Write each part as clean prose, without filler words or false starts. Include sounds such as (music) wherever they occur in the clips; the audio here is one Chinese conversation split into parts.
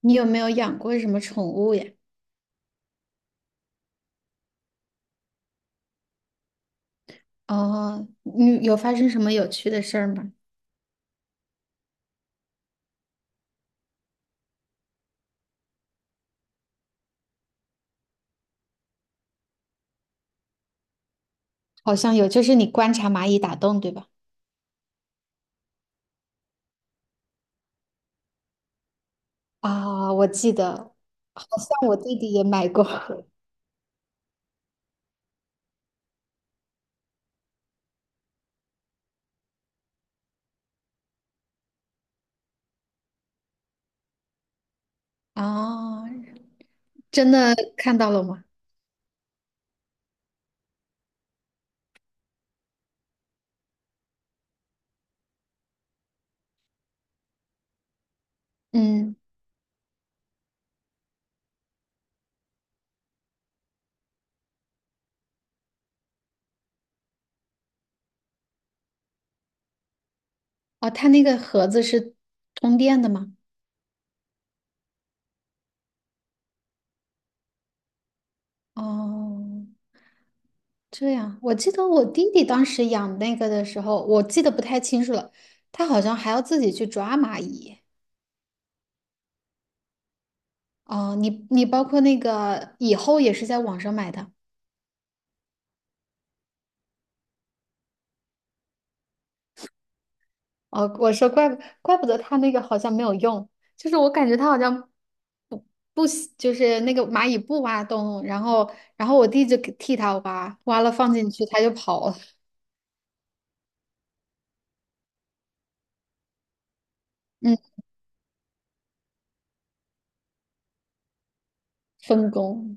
你有没有养过什么宠物呀？哦，你有发生什么有趣的事儿吗？好像有，就是你观察蚂蚁打洞，对吧？啊，我记得，好像我弟弟也买过。(laughs) 哦，真的看到了吗？嗯，哦，他那个盒子是通电的吗？哦，这样，我记得我弟弟当时养那个的时候，我记得不太清楚了，他好像还要自己去抓蚂蚁。哦，你包括那个以后也是在网上买的。哦，我说怪不得他那个好像没有用，就是我感觉他好像不不喜就是那个蚂蚁不挖洞，然后我弟就给替他挖，挖了放进去他就跑了，嗯，分工。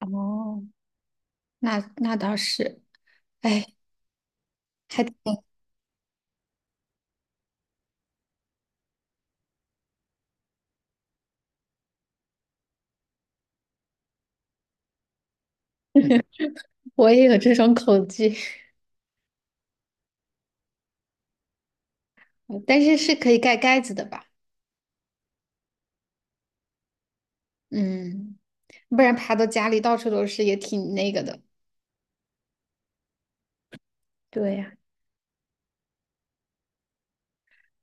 哦，那倒是，哎，还挺，我也有这种恐惧，(laughs) 但是是可以盖盖子的吧？嗯，不然爬到家里到处都是也挺那个的。对呀。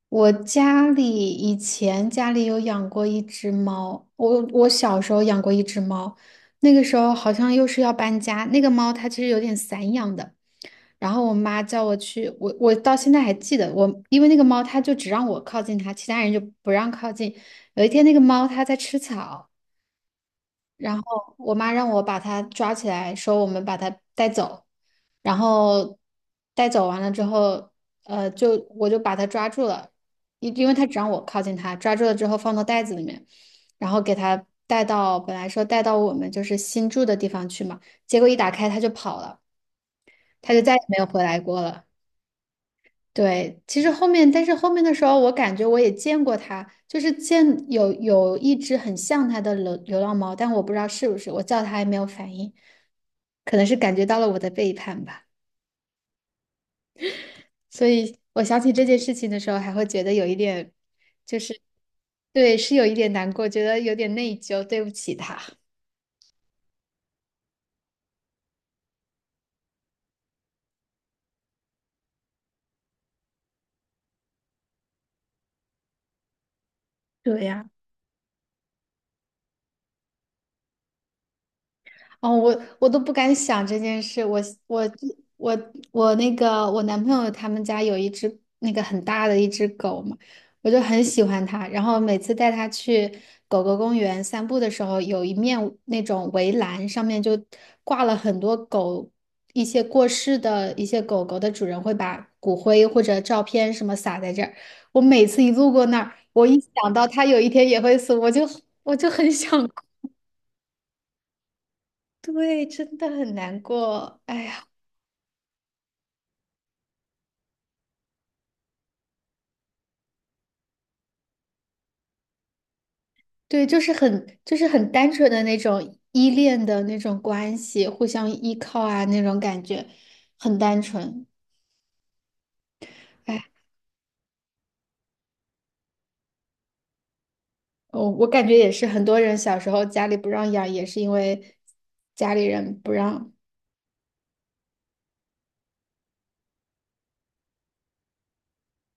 我家里以前家里有养过一只猫，我小时候养过一只猫，那个时候好像又是要搬家，那个猫它其实有点散养的，然后我妈叫我去，我到现在还记得，我因为那个猫它就只让我靠近它，其他人就不让靠近。有一天那个猫它在吃草。然后我妈让我把它抓起来，说我们把它带走，然后带走完了之后，就我就把它抓住了，因为它只让我靠近它，抓住了之后放到袋子里面，然后给它带到本来说带到我们就是新住的地方去嘛，结果一打开它就跑了，它就再也没有回来过了。对，其实后面，但是后面的时候，我感觉我也见过它，就是见有一只很像它的流浪猫，但我不知道是不是，我叫它还没有反应，可能是感觉到了我的背叛吧。所以我想起这件事情的时候，还会觉得有一点，就是对，是有一点难过，觉得有点内疚，对不起它。对呀、哦，我都不敢想这件事。我我那个我男朋友他们家有一只那个很大的一只狗嘛，我就很喜欢它。然后每次带它去狗狗公园散步的时候，有一面那种围栏上面就挂了很多狗，一些过世的一些狗狗的主人会把骨灰或者照片什么撒在这儿。我每次一路过那儿，我一想到它有一天也会死，我就很想对，真的很难过。哎呀，对，就是很单纯的那种依恋的那种关系，互相依靠啊，那种感觉很单纯。哎，我感觉也是，很多人小时候家里不让养，也是因为家里人不让。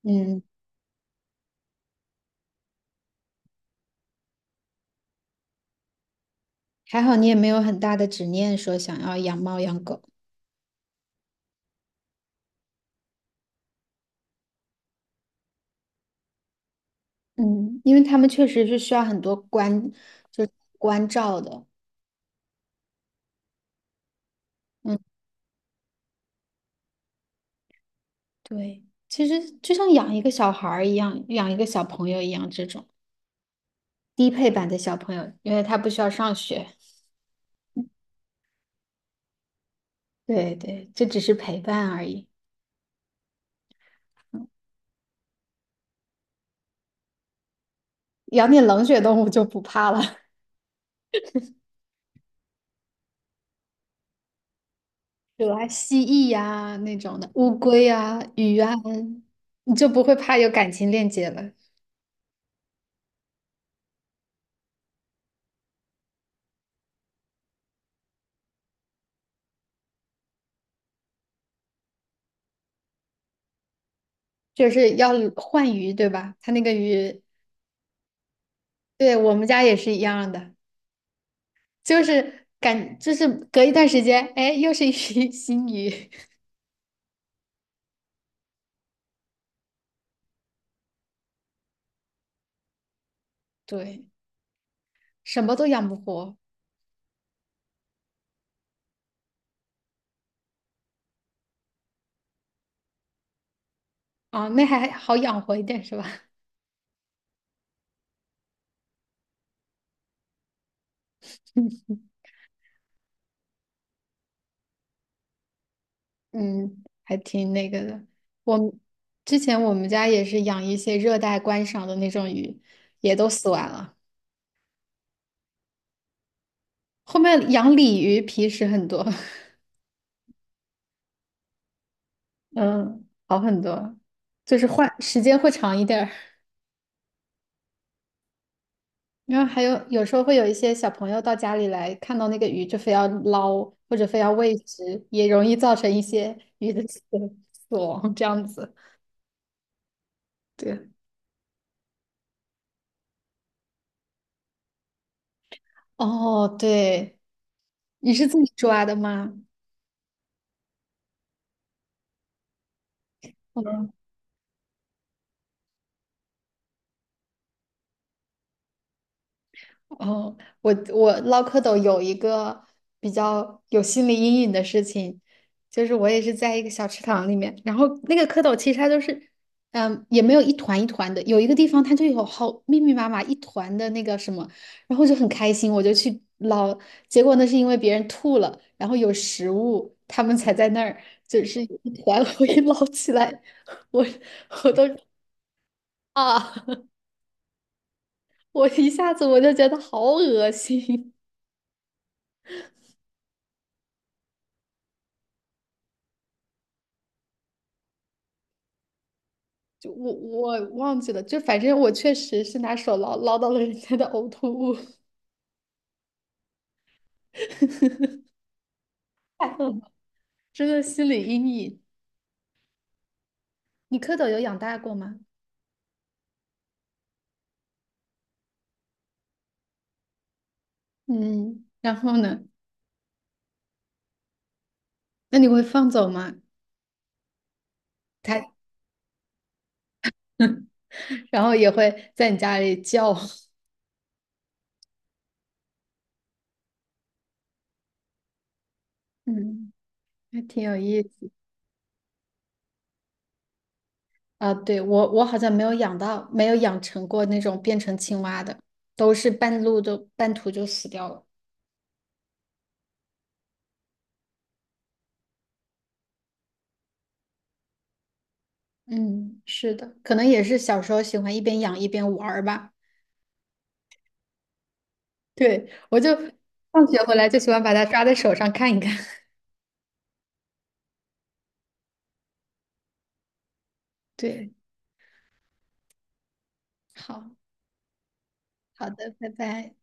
嗯，还好你也没有很大的执念说想要养猫养狗。嗯，因为他们确实是需要很多关，就是关照的。嗯。对，其实就像养一个小孩儿一样，养一个小朋友一样，这种低配版的小朋友，因为他不需要上学。对对，这只是陪伴而已。养点冷血动物就不怕了，(laughs) 比如啊蜥蜴呀、那种的，乌龟呀、鱼啊，你就不会怕有感情链接了。就是要换鱼，对吧？它那个鱼，对我们家也是一样的，就是感，就是隔一段时间，哎，又是一批 (laughs) 新鱼，对，什么都养不活。啊，那还好养活一点是吧？(laughs) 嗯，还挺那个的。我们之前我们家也是养一些热带观赏的那种鱼，也都死完了。后面养鲤鱼皮实很多，(laughs) 嗯，好很多，就是换时间会长一点儿。然后还有时候会有一些小朋友到家里来，看到那个鱼就非要捞，或者非要喂食，也容易造成一些鱼的死亡这样子。对，哦，对，你是自己抓的吗？哦，我捞蝌蚪有一个比较有心理阴影的事情，就是我也是在一个小池塘里面，然后那个蝌蚪其实它就是，嗯，也没有一团一团的，有一个地方它就有好密密麻麻一团的那个什么，然后就很开心，我就去捞，结果那是因为别人吐了，然后有食物，它们才在那儿，就是一团 (laughs)，我一捞起来，我我都啊，(laughs) 我一下子我就觉得好恶心。就我忘记了，就反正我确实是拿手捞到了人家的呕吐物，(laughs) 太恶了真的心理阴影。你蝌蚪有养大过吗？嗯，然后呢？那你会放走吗？它然后也会在你家里叫，嗯 (laughs)，还挺有意思啊。对，我好像没有养到，没有养成过那种变成青蛙的，都是半路都半途就死掉了。嗯，是的，可能也是小时候喜欢一边养一边玩儿吧。对，我就放学回来就喜欢把它抓在手上看一看。(laughs) 对，好，好的，拜拜。